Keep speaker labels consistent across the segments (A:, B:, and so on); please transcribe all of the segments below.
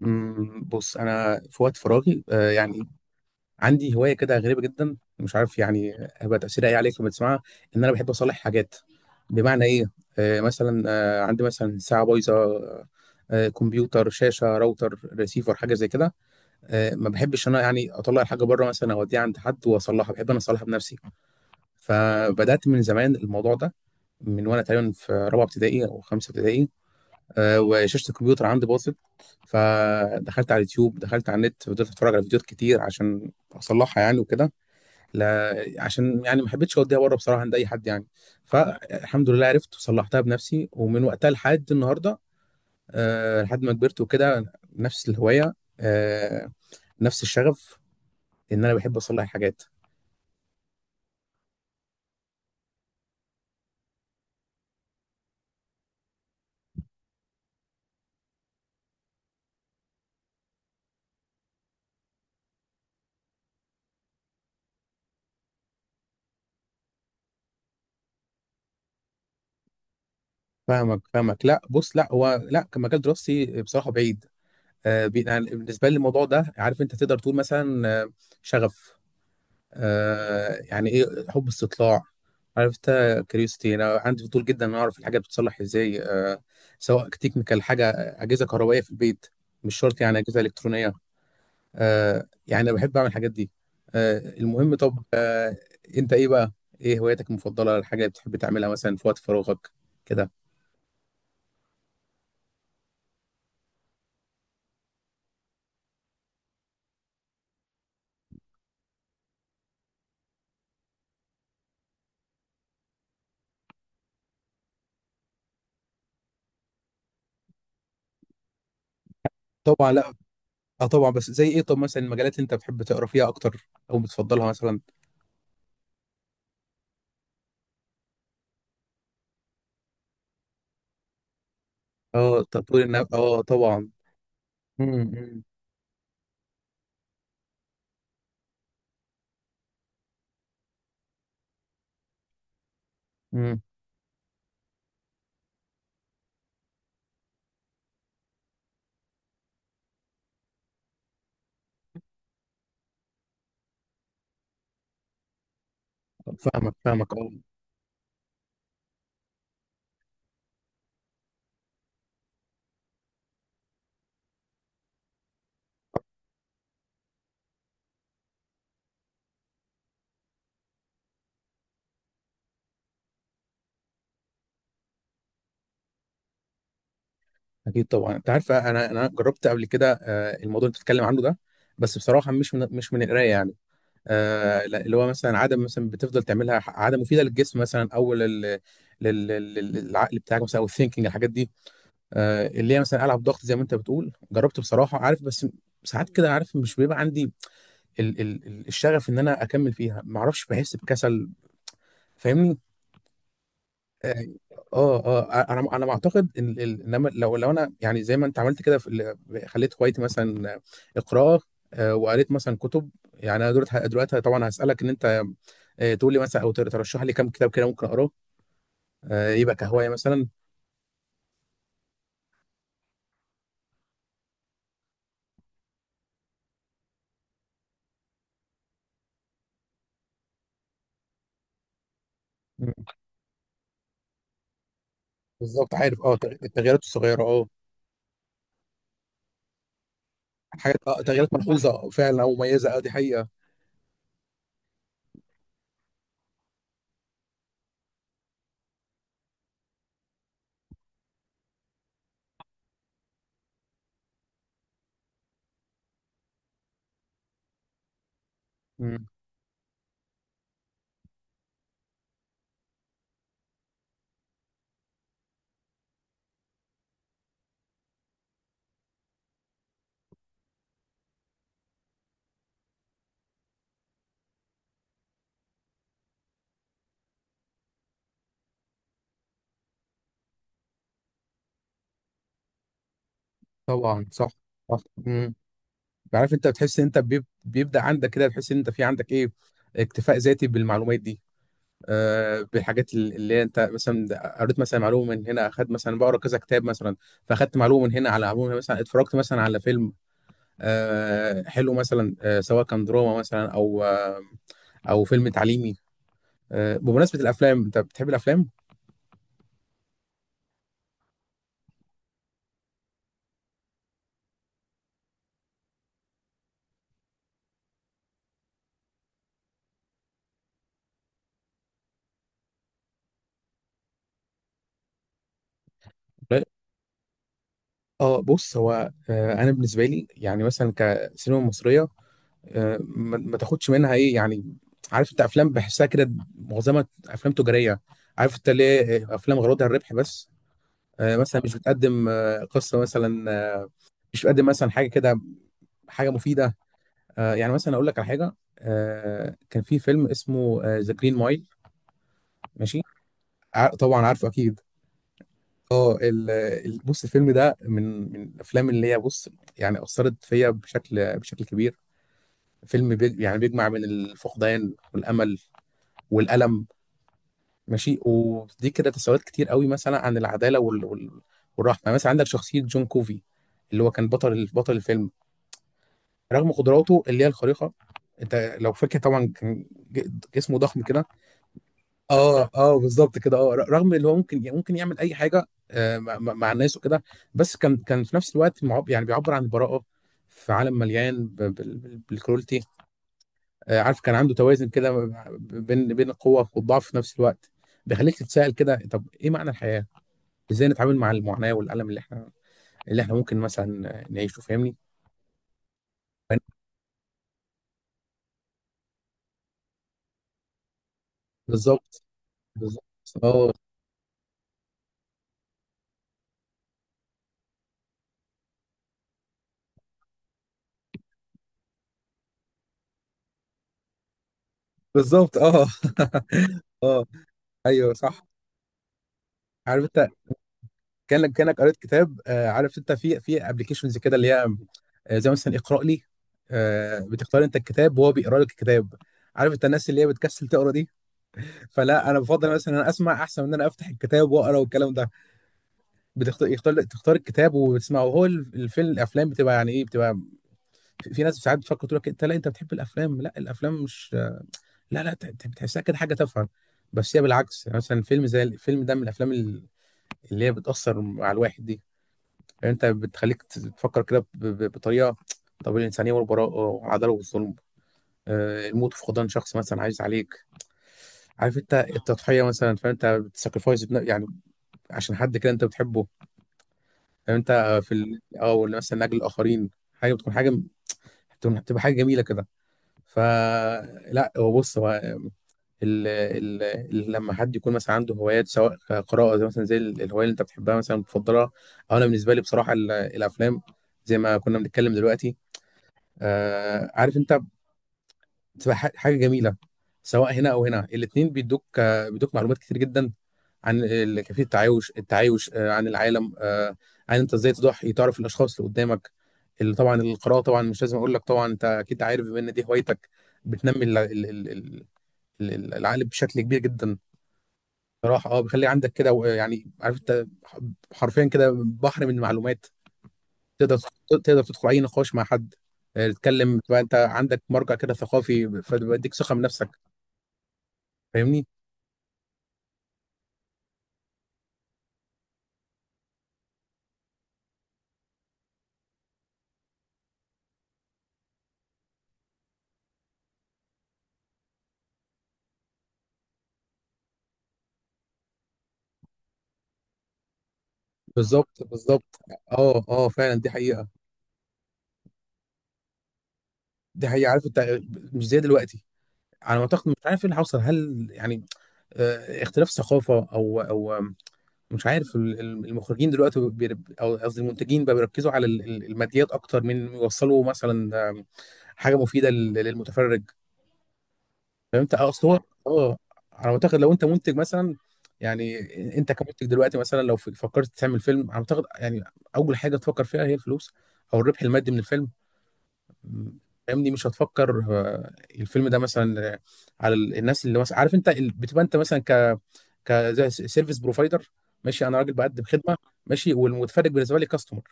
A: بص انا في وقت فراغي، يعني عندي هوايه كده غريبه جدا. مش عارف يعني هيبقى تاثيرها ايه عليك لما تسمعها. ان انا بحب اصلح حاجات. بمعنى ايه؟ مثلا عندي مثلا ساعه بايظه، كمبيوتر، شاشه، راوتر، ريسيفر، حاجه زي كده. ما بحبش انا يعني اطلع الحاجه بره مثلا اوديها عند حد واصلحها، بحب انا اصلحها بنفسي. فبدات من زمان الموضوع ده، من وانا تقريبا في رابعه ابتدائي او خمسه ابتدائي. وشاشه الكمبيوتر عندي باظت، فدخلت على اليوتيوب، دخلت على النت، فضلت اتفرج على فيديوهات كتير عشان اصلحها يعني وكده. لا عشان يعني ما حبيتش اوديها بره بصراحه عند اي حد يعني. فالحمد لله عرفت وصلحتها بنفسي، ومن وقتها لحد النهارده، لحد ما كبرت وكده، نفس الهوايه، آه، نفس الشغف، ان انا بحب اصلح حاجات. فاهمك، لا بص، لا هو لا، كمجال دراستي بصراحه بعيد. بي- يعني بالنسبه لي الموضوع ده، عارف انت تقدر تقول مثلا شغف، آه يعني ايه، حب استطلاع. عرفت؟ كريوستي، انا عندي فضول جدا ان اعرف الحاجه بتتصلح ازاي. آه سواء تكنيكال حاجه، اجهزه كهربائيه في البيت، مش شرط يعني اجهزه الكترونيه. آه يعني انا بحب اعمل الحاجات دي. آه المهم، طب آه، انت ايه بقى، ايه هواياتك المفضله، الحاجه اللي بتحب تعملها مثلا في وقت فراغك كده؟ طبعا، لا اه طبعا. بس زي ايه؟ طب مثلا المجالات اللي انت بتحب تقرا فيها اكتر او بتفضلها مثلا؟ اه تطوير النفس اه طبعا. امم. امم. فاهمك اه. اكيد طبعا. انت عارف، انا جربت قبل كده الموضوع اللي بتتكلم عنه ده، بس بصراحه مش من القرايه يعني. لا، اللي هو مثلا عاده مثلا بتفضل تعملها، ح- عاده مفيده للجسم مثلا، او لل للعقل بتاعك مثلا، او الثينكينج، الحاجات دي. اللي هي مثلا العب ضغط زي ما انت بتقول، جربت بصراحه عارف، بس ساعات كده عارف مش بيبقى عندي الشغف ان انا اكمل فيها، ما اعرفش بحس بكسل. فاهمني؟ اه اه انا بعتقد ان ال-، انما لو انا يعني زي ما انت عملت كده في ال-، خليت هوايتي مثلا قراءه. وقريت مثلا كتب يعني، انا دلوقتي طبعا هسالك ان انت تقول لي مثلا او تر- ترشح لي كام كتاب كده ممكن اقراه، يبقى كهوايه مثلا. مم. بالظبط عارف اه، التغ- التغييرات الصغيره اه. حاجات اه، تغييرات ملحوظه فعلا، او مميزه اه، دي حقيقه. مم. طبعا صح، صح مم. عارف انت، بتحس ان انت بيب- بيبدا عندك كده، تحس ان انت في عندك ايه، اكتفاء ذاتي بالمعلومات دي، بالحاجات اللي هي انت مثلا قريت مثلا معلومه من هنا، اخدت مثلا بقرا كذا كتاب مثلا. فاخدت معلومه من هنا على معلومه، مثلا اتفرجت مثلا على فيلم حلو مثلا، سواء كان دراما مثلا، او او فيلم تعليمي. بمناسبه الافلام، انت بتحب الافلام؟ لا. اه بص هو، انا بالنسبه لي يعني مثلا كسينما مصريه، ما ما تاخدش منها ايه يعني. عارف انت، افلام بحسها كده معظمها افلام تجاريه. عارف انت ليه؟ افلام غرضها الربح بس، مثلا مش بتقدم قصه مثلا، آه، مش بتقدم مثلا حاجه كده، حاجه مفيده. يعني مثلا اقول لك على حاجه، كان في فيلم اسمه ذا جرين مايل. ماشي، ع- طبعا عارفه اكيد. اه ال- ال- بص، الفيلم ده من الافلام اللي هي، بص، يعني اثرت فيا بشكل كبير. فيلم بيج، يعني بيجمع بين الفقدان والامل والالم، ماشي، ودي كده تساؤلات كتير قوي، مثلا عن العداله وال- وال- والرحمه مثلا. عندك شخصيه جون كوفي، اللي هو كان بطل الفيلم، رغم قدراته اللي هي الخارقه. انت لو فاكر طبعا كان ج- جسمه ضخم كده. اه اه بالظبط كده اه، ر- رغم اللي هو ممكن يعمل اي حاجه، مع مع- مع الناس وكده، بس كان في نفس الوقت معب يعني بيعبر عن البراءه في عالم مليان ب- بال- بال- بالكرولتي. عارف كان عنده توازن كده، ب- بين القوه والضعف في نفس الوقت. بيخليك تتساءل كده، طب ايه معنى الحياه؟ ازاي نتعامل مع المعاناه والالم اللي احنا، اللي احنا ممكن مثلا نعيشه، فاهمني؟ بالظبط بالظبط اه بالظبط اه. اه ايوه صح. عارف انت، كانك قريت كتاب آه. عارف انت، في ابلكيشنز كده اللي هي زي مثلا اقرا لي. آه بتختار انت الكتاب وهو بيقرا لك الكتاب. عارف انت، الناس اللي هي بتكسل تقرا دي، فلا انا بفضل مثلا ان انا اسمع احسن من ان انا افتح الكتاب واقرا والكلام ده. بتختار يختار تختار الكتاب وبتسمعه. هو الف- الفيلم الافلام بتبقى يعني ايه بتبقى، في في ناس ساعات بتفكر تقول لك، انت لا انت بتحب الافلام، لا الافلام مش، لا بتحسها كده حاجه تافهه. بس هي بالعكس، يعني مثلا فيلم زي الفيلم ده من الافلام اللي هي بتأثر على الواحد دي. يعني انت بتخليك تفكر كده ب- ب- بطريقة، طب الإنسانية والبراءة والعدالة والظلم، الموت في فقدان شخص مثلا عايز عليك، عارف انت التضحية مثلا، فانت بتساكرفايس يعني عشان حد كده انت بتحبه. يعني انت في ال...، اه ولا مثلا من أجل الآخرين، حاجة بتكون حاجة، بتبقى حاجة جميلة كده. فلا هو بص هو، لما حد يكون مثلا عنده هوايات، سواء قراءة زي مثلا زي ال- الهواية اللي انت بتحبها مثلا بتفضلها، او انا بالنسبة لي بصراحة ال- الافلام، زي ما كنا بنتكلم دلوقتي. آه عارف انت، بتبقى ح- حاجة جميلة، سواء هنا او هنا، الاتنين بيدوك، بيدوك معلومات كتير جدا عن ال- كيفية التعايش، التعايش آه عن العالم آه، عن انت ازاي تضحي، تعرف الاشخاص اللي قدامك، اللي طبعا القراءة طبعا مش لازم اقول لك، طبعا انت اكيد عارف بما ان دي هوايتك، بتنمي العقل بشكل كبير جدا. بصراحة اه، بيخلي عندك كده و- يعني عارف انت حرفيا كده بحر من المعلومات. تقدر تقدر تدخل اي نقاش مع حد، تتكلم تبقى انت عندك مرجع كده ثقافي، فبيديك ثقة بنفسك. فاهمني؟ بالظبط بالظبط اه اه فعلا، دي حقيقة. دي حقيقة عارف انت، مش زي دلوقتي. على ما اعتقد مش عارف ايه اللي حصل، هل يعني اختلاف ثقافة، او او مش عارف، ال- ال- المخرجين دلوقتي بيرب- او قصدي المنتجين بقى بيركزوا على ال- ال- الماديات اكتر من يوصلوا مثلا حاجه مفيده لل- للمتفرج. فهمت اه، اصل هو اه. انا معتقد لو انت منتج مثلا، يعني انت كمنتج دلوقتي مثلا، لو ف- فكرت تعمل فيلم، انا معتقد يعني، اول حاجه تفكر فيها هي الفلوس، او الربح المادي من الفيلم. م، فاهمني، مش هتفكر الفيلم ده مثلا على ال- الناس اللي مثلا عارف انت ال- بتبقى انت مثلا، ك سيرفيس بروفايدر. ماشي، انا راجل بقدم خدمه، ماشي، والمتفرج بالنسبه لي كاستمر.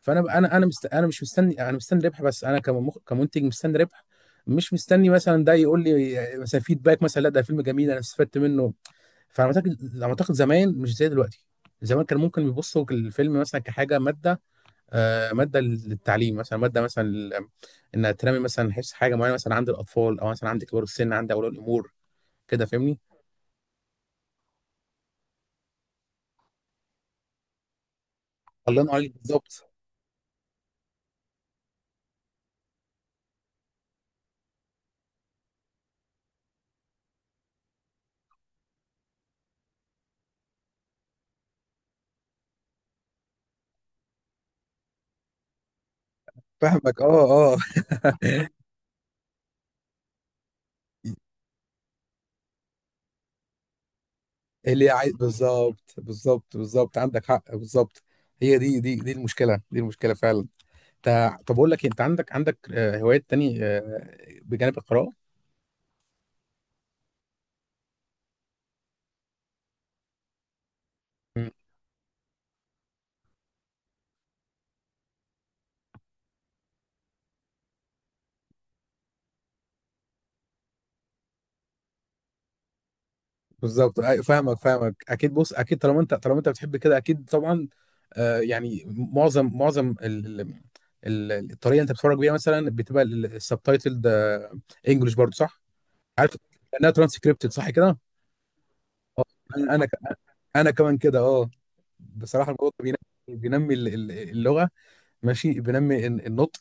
A: فانا انا مست...، انا مش مستني، انا مستني ربح بس، انا كمخ... كمنتج مستني ربح، مش مستني مثلا ده يقول لي مثلا فيدباك مثلا، لا ده فيلم جميل انا استفدت منه. فانا اعتقد زمان مش زي دلوقتي. زمان كان ممكن بيبصوا الفيلم مثلا كحاجه ماده، آه ماده للتعليم مثلا، ماده مثلا لل-، انها تنمي مثلا حس حاجه معينه مثلا، عند الاطفال او مثلا عند كبار السن، عند اولياء الامور كده. فاهمني؟ الله ينور عليك، بالظبط. فاهمك اه اه، اللي عايز، بالظبط بالظبط بالظبط، عندك حق بالظبط. هي دي دي المشكله، دي المشكله فعلا. تا- طب اقول لك إيه، انت عندك عندك هوايات تاني بجانب القراءه. مم. بالظبط أي- فاهمك اكيد بص، اكيد طالما انت، طالما انت بتحب كده اكيد طبعا. يعني معظم ال- ال- ال- الطريقه اللي انت بتتفرج بيها مثلا بتبقى السبتايتلد انجلش برضو صح؟ عارف لانها ترانسكريبتد صح كده. آه، انا انا كمان كده اه. بصراحه الموضوع ده بينمي، بينمي ال- ال- اللغه، ماشي، بينمي الن- النطق.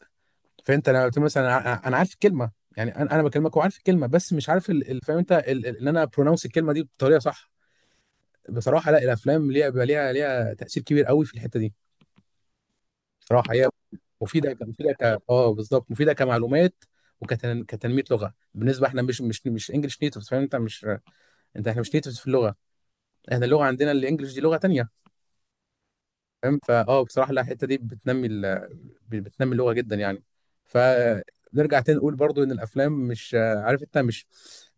A: فانت لما قلت مثلا انا ع- أنا عارف الكلمه، يعني انا بكلمك وعارف الكلمه، بس مش عارف ال- ال- فاهم انت ال- ال- ان انا برونونس الكلمه دي بطريقه صح. بصراحه لا، الافلام ليها بقى ليها تاثير كبير قوي في الحته دي. بصراحه هي مفيده ك-، مفيده ك، اه بالظبط مفيده كمعلومات وكتنميه لغه، بالنسبه احنا مش انجلش نيتف، فاهم انت، مش انت احنا مش نيتف في اللغه، احنا اللغه عندنا الانجليش دي لغه تانيه. فاهم فاه بصراحه لا، الحته دي بتنمي ال...، بتنمي اللغه جدا يعني. فنرجع تاني نقول برضو ان الافلام مش عارف انت، مش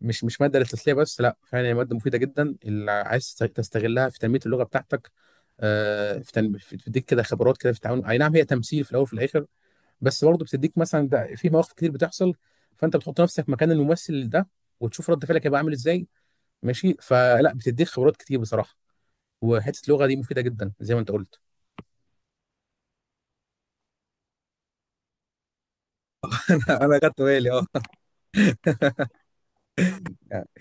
A: مش مش ماده للتسليه بس، لا فعلا هي ماده مفيده جدا اللي عايز تستغلها في تنميه اللغه بتاعتك، في تن- في- بتديك كده خبرات كده في التعامل. اي نعم هي تمثيل في الاول وفي الاخر، بس برضو بتديك مثلا ده في مواقف كتير بتحصل، فانت بتحط نفسك مكان الممثل ده وتشوف رد فعلك هيبقى عامل ازاي، ماشي، فلا بتديك خبرات كتير بصراحه. وحته اللغه دي مفيده جدا زي ما انت قلت. انا خدت بالي اه. يعني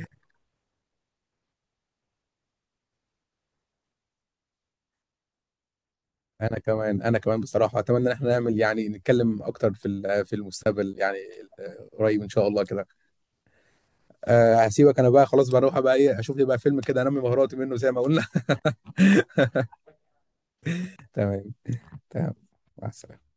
A: انا كمان، انا كمان بصراحه اتمنى ان احنا نعمل يعني نتكلم اكتر في ال- في المستقبل يعني. قريب ان شاء الله كده. أه هسيبك انا بقى، خلاص بقى اروح بقى ايه، اشوف لي بقى فيلم كده انمي مهاراتي منه زي ما قلنا. تمام. تمام. مع السلامه.